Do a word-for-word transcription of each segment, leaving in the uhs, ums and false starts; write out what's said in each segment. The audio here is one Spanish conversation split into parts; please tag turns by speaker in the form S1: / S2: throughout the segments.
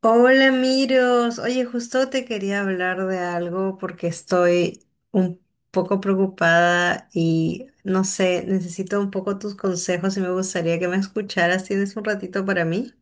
S1: Hola, Miros. Oye, justo te quería hablar de algo porque estoy un poco preocupada y no sé, necesito un poco tus consejos y me gustaría que me escucharas. ¿Tienes un ratito para mí?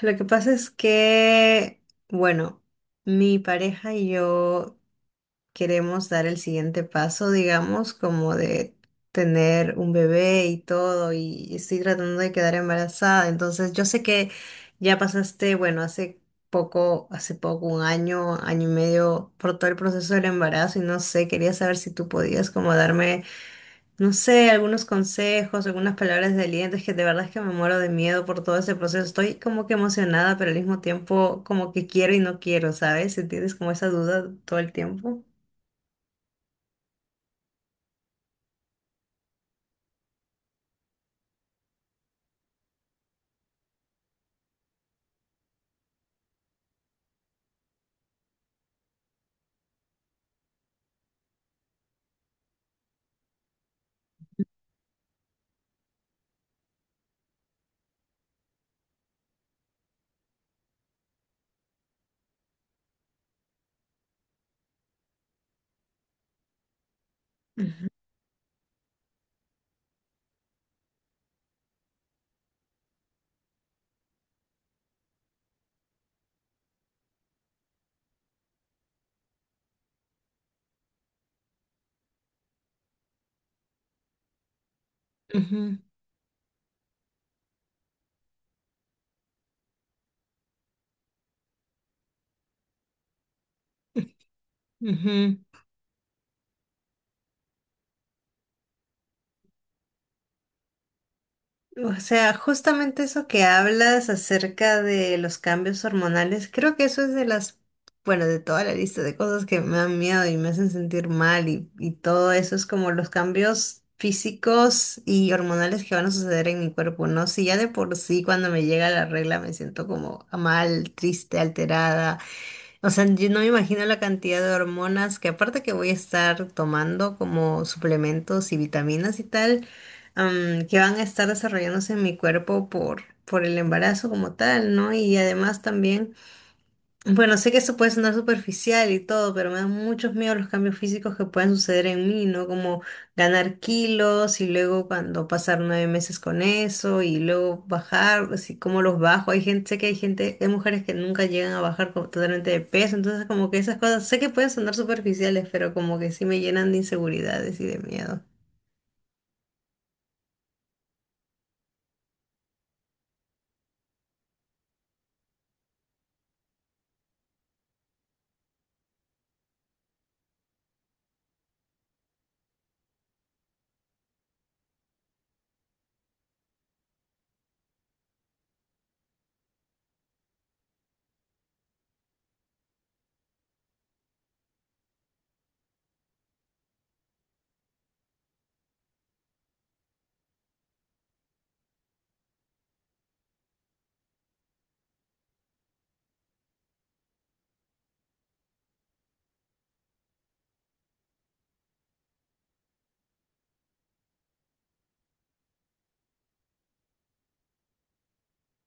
S1: Lo que pasa es que, bueno, mi pareja y yo queremos dar el siguiente paso, digamos, como de tener un bebé y todo, y estoy tratando de quedar embarazada. Entonces, yo sé que ya pasaste, bueno, hace poco, hace poco, un año, año y medio, por todo el proceso del embarazo, y no sé, quería saber si tú podías como darme, no sé, algunos consejos, algunas palabras de aliento, es que de verdad es que me muero de miedo por todo ese proceso. Estoy como que emocionada, pero al mismo tiempo como que quiero y no quiero, ¿sabes? ¿Tienes como esa duda todo el tiempo? Ujú, ujú. O sea, justamente eso que hablas acerca de los cambios hormonales, creo que eso es de las, bueno, de toda la lista de cosas que me dan miedo y me hacen sentir mal y, y todo eso es como los cambios físicos y hormonales que van a suceder en mi cuerpo, ¿no? Si ya de por sí cuando me llega la regla me siento como mal, triste, alterada. O sea, yo no me imagino la cantidad de hormonas que aparte que voy a estar tomando como suplementos y vitaminas y tal, am, que van a estar desarrollándose en mi cuerpo por, por el embarazo como tal, ¿no? Y además también... Bueno, sé que eso puede sonar superficial y todo, pero me dan muchos miedos los cambios físicos que pueden suceder en mí, ¿no? Como ganar kilos y luego cuando pasar nueve meses con eso y luego bajar, así como los bajo. Hay gente, sé que hay gente, hay mujeres que nunca llegan a bajar como totalmente de peso, entonces como que esas cosas, sé que pueden sonar superficiales, pero como que sí me llenan de inseguridades y de miedo.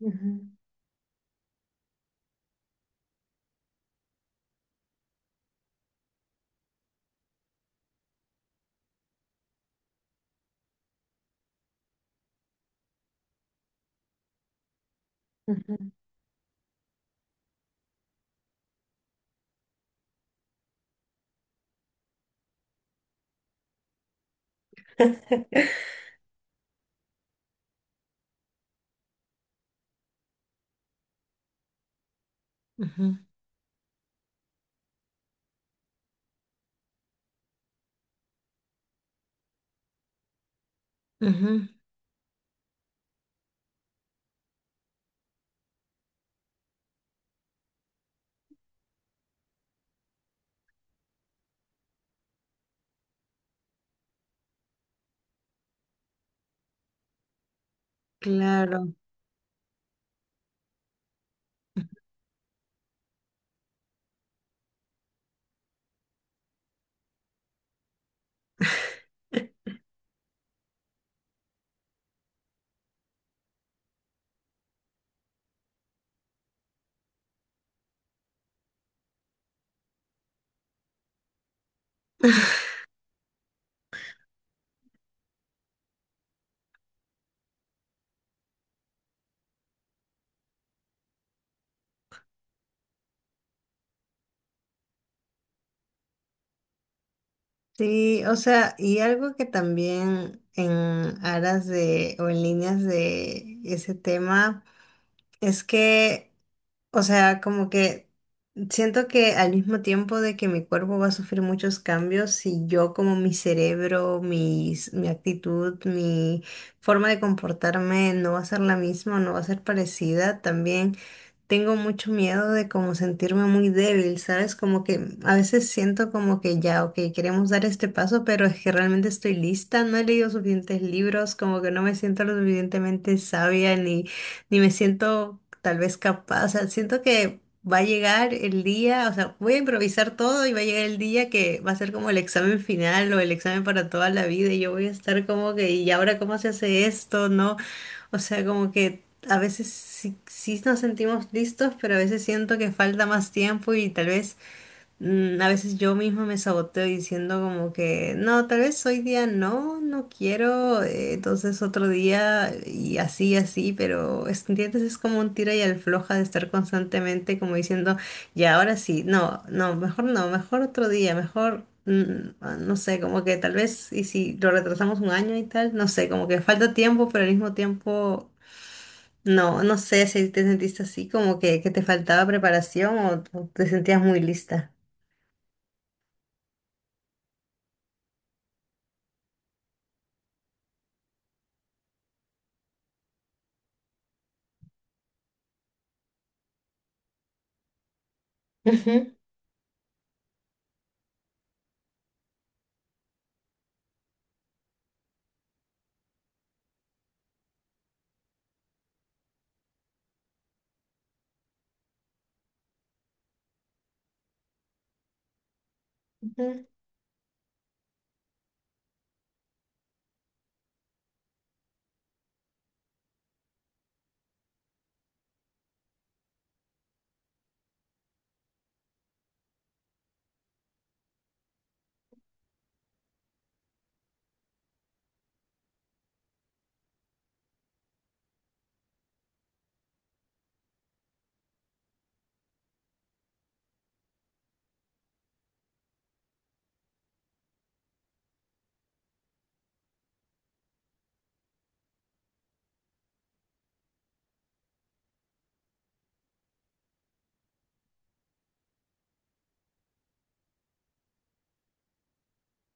S1: Ujú, ujú. Ujú, ujú, claro. Sí, o sea, y algo que también en aras de o en líneas de ese tema es que, o sea, como que siento que al mismo tiempo de que mi cuerpo va a sufrir muchos cambios, si yo como mi cerebro, mis, mi actitud, mi forma de comportarme no va a ser la misma, no va a ser parecida, también tengo mucho miedo de como sentirme muy débil, ¿sabes? Como que a veces siento como que ya, ok, queremos dar este paso, pero es que realmente estoy lista, no he leído suficientes libros, como que no me siento lo suficientemente sabia ni, ni me siento tal vez capaz, o sea, siento que va a llegar el día, o sea, voy a improvisar todo y va a llegar el día que va a ser como el examen final o el examen para toda la vida y yo voy a estar como que, ¿y ahora cómo se hace esto? ¿No? O sea, como que a veces sí, sí nos sentimos listos, pero a veces siento que falta más tiempo y tal vez mm, a veces yo misma me saboteo diciendo como que no, tal vez hoy día no, no quiero, eh, entonces otro día y así, así, pero es- ¿entiendes? Es como un tira y afloja de estar constantemente como diciendo ya, ahora sí, no, no, mejor no, mejor otro día, mejor... mm, ah, No sé, como que tal vez, y si lo retrasamos un año y tal, no sé, como que falta tiempo, pero al mismo tiempo no, no sé si te sentiste así como que, que te faltaba preparación o, o te sentías muy lista. Ujú, ujú,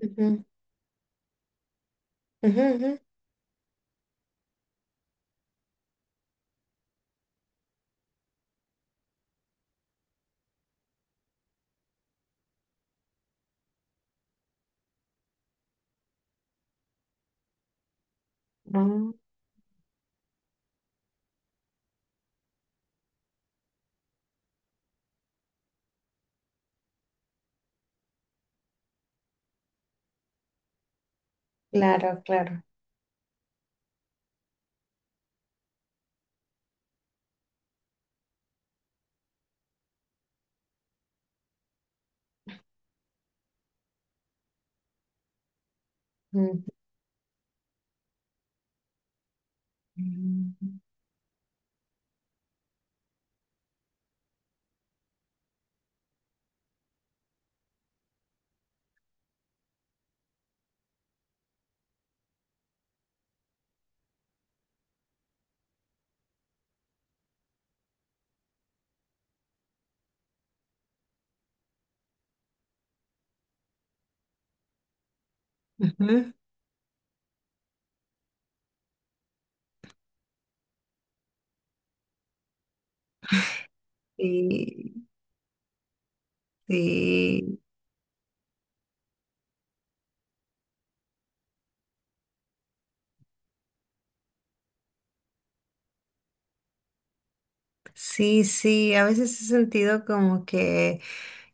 S1: ujú, ujú, ujú. Ah, claro, claro. Ujú. Ujú. Y, y sí, sí, a veces he sentido como que...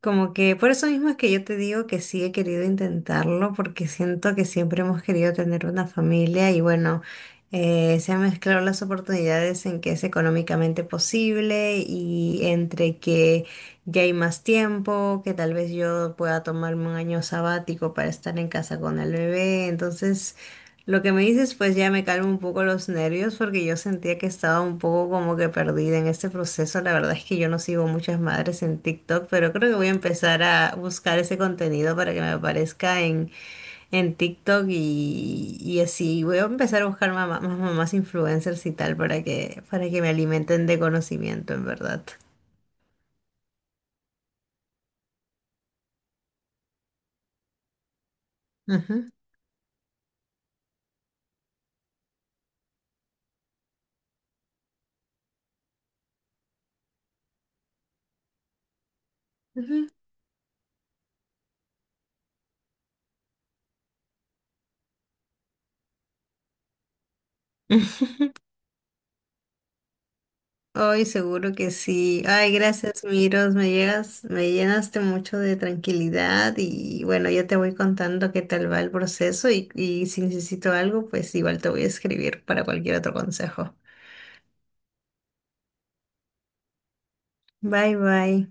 S1: Como que por eso mismo es que yo te digo que sí he querido intentarlo, porque siento que siempre hemos querido tener una familia y bueno, eh, se han mezclado las oportunidades en que es económicamente posible y entre que ya hay más tiempo, que tal vez yo pueda tomarme un año sabático para estar en casa con el bebé. Entonces, lo que me dices, pues ya me calmo un poco los nervios porque yo sentía que estaba un poco como que perdida en este proceso. La verdad es que yo no sigo muchas madres en TikTok, pero creo que voy a empezar a buscar ese contenido para que me aparezca en, en TikTok y, y así. Voy a empezar a buscar mamá- más mamás influencers y tal para que, para que me alimenten de conocimiento, en verdad. Ujú. Ujú. Ay, seguro que sí. Ay, gracias, Miros. Me llegas, me llenaste mucho de tranquilidad y bueno, ya te voy contando qué tal va el proceso y, y si necesito algo, pues igual te voy a escribir para cualquier otro consejo. Bye, bye.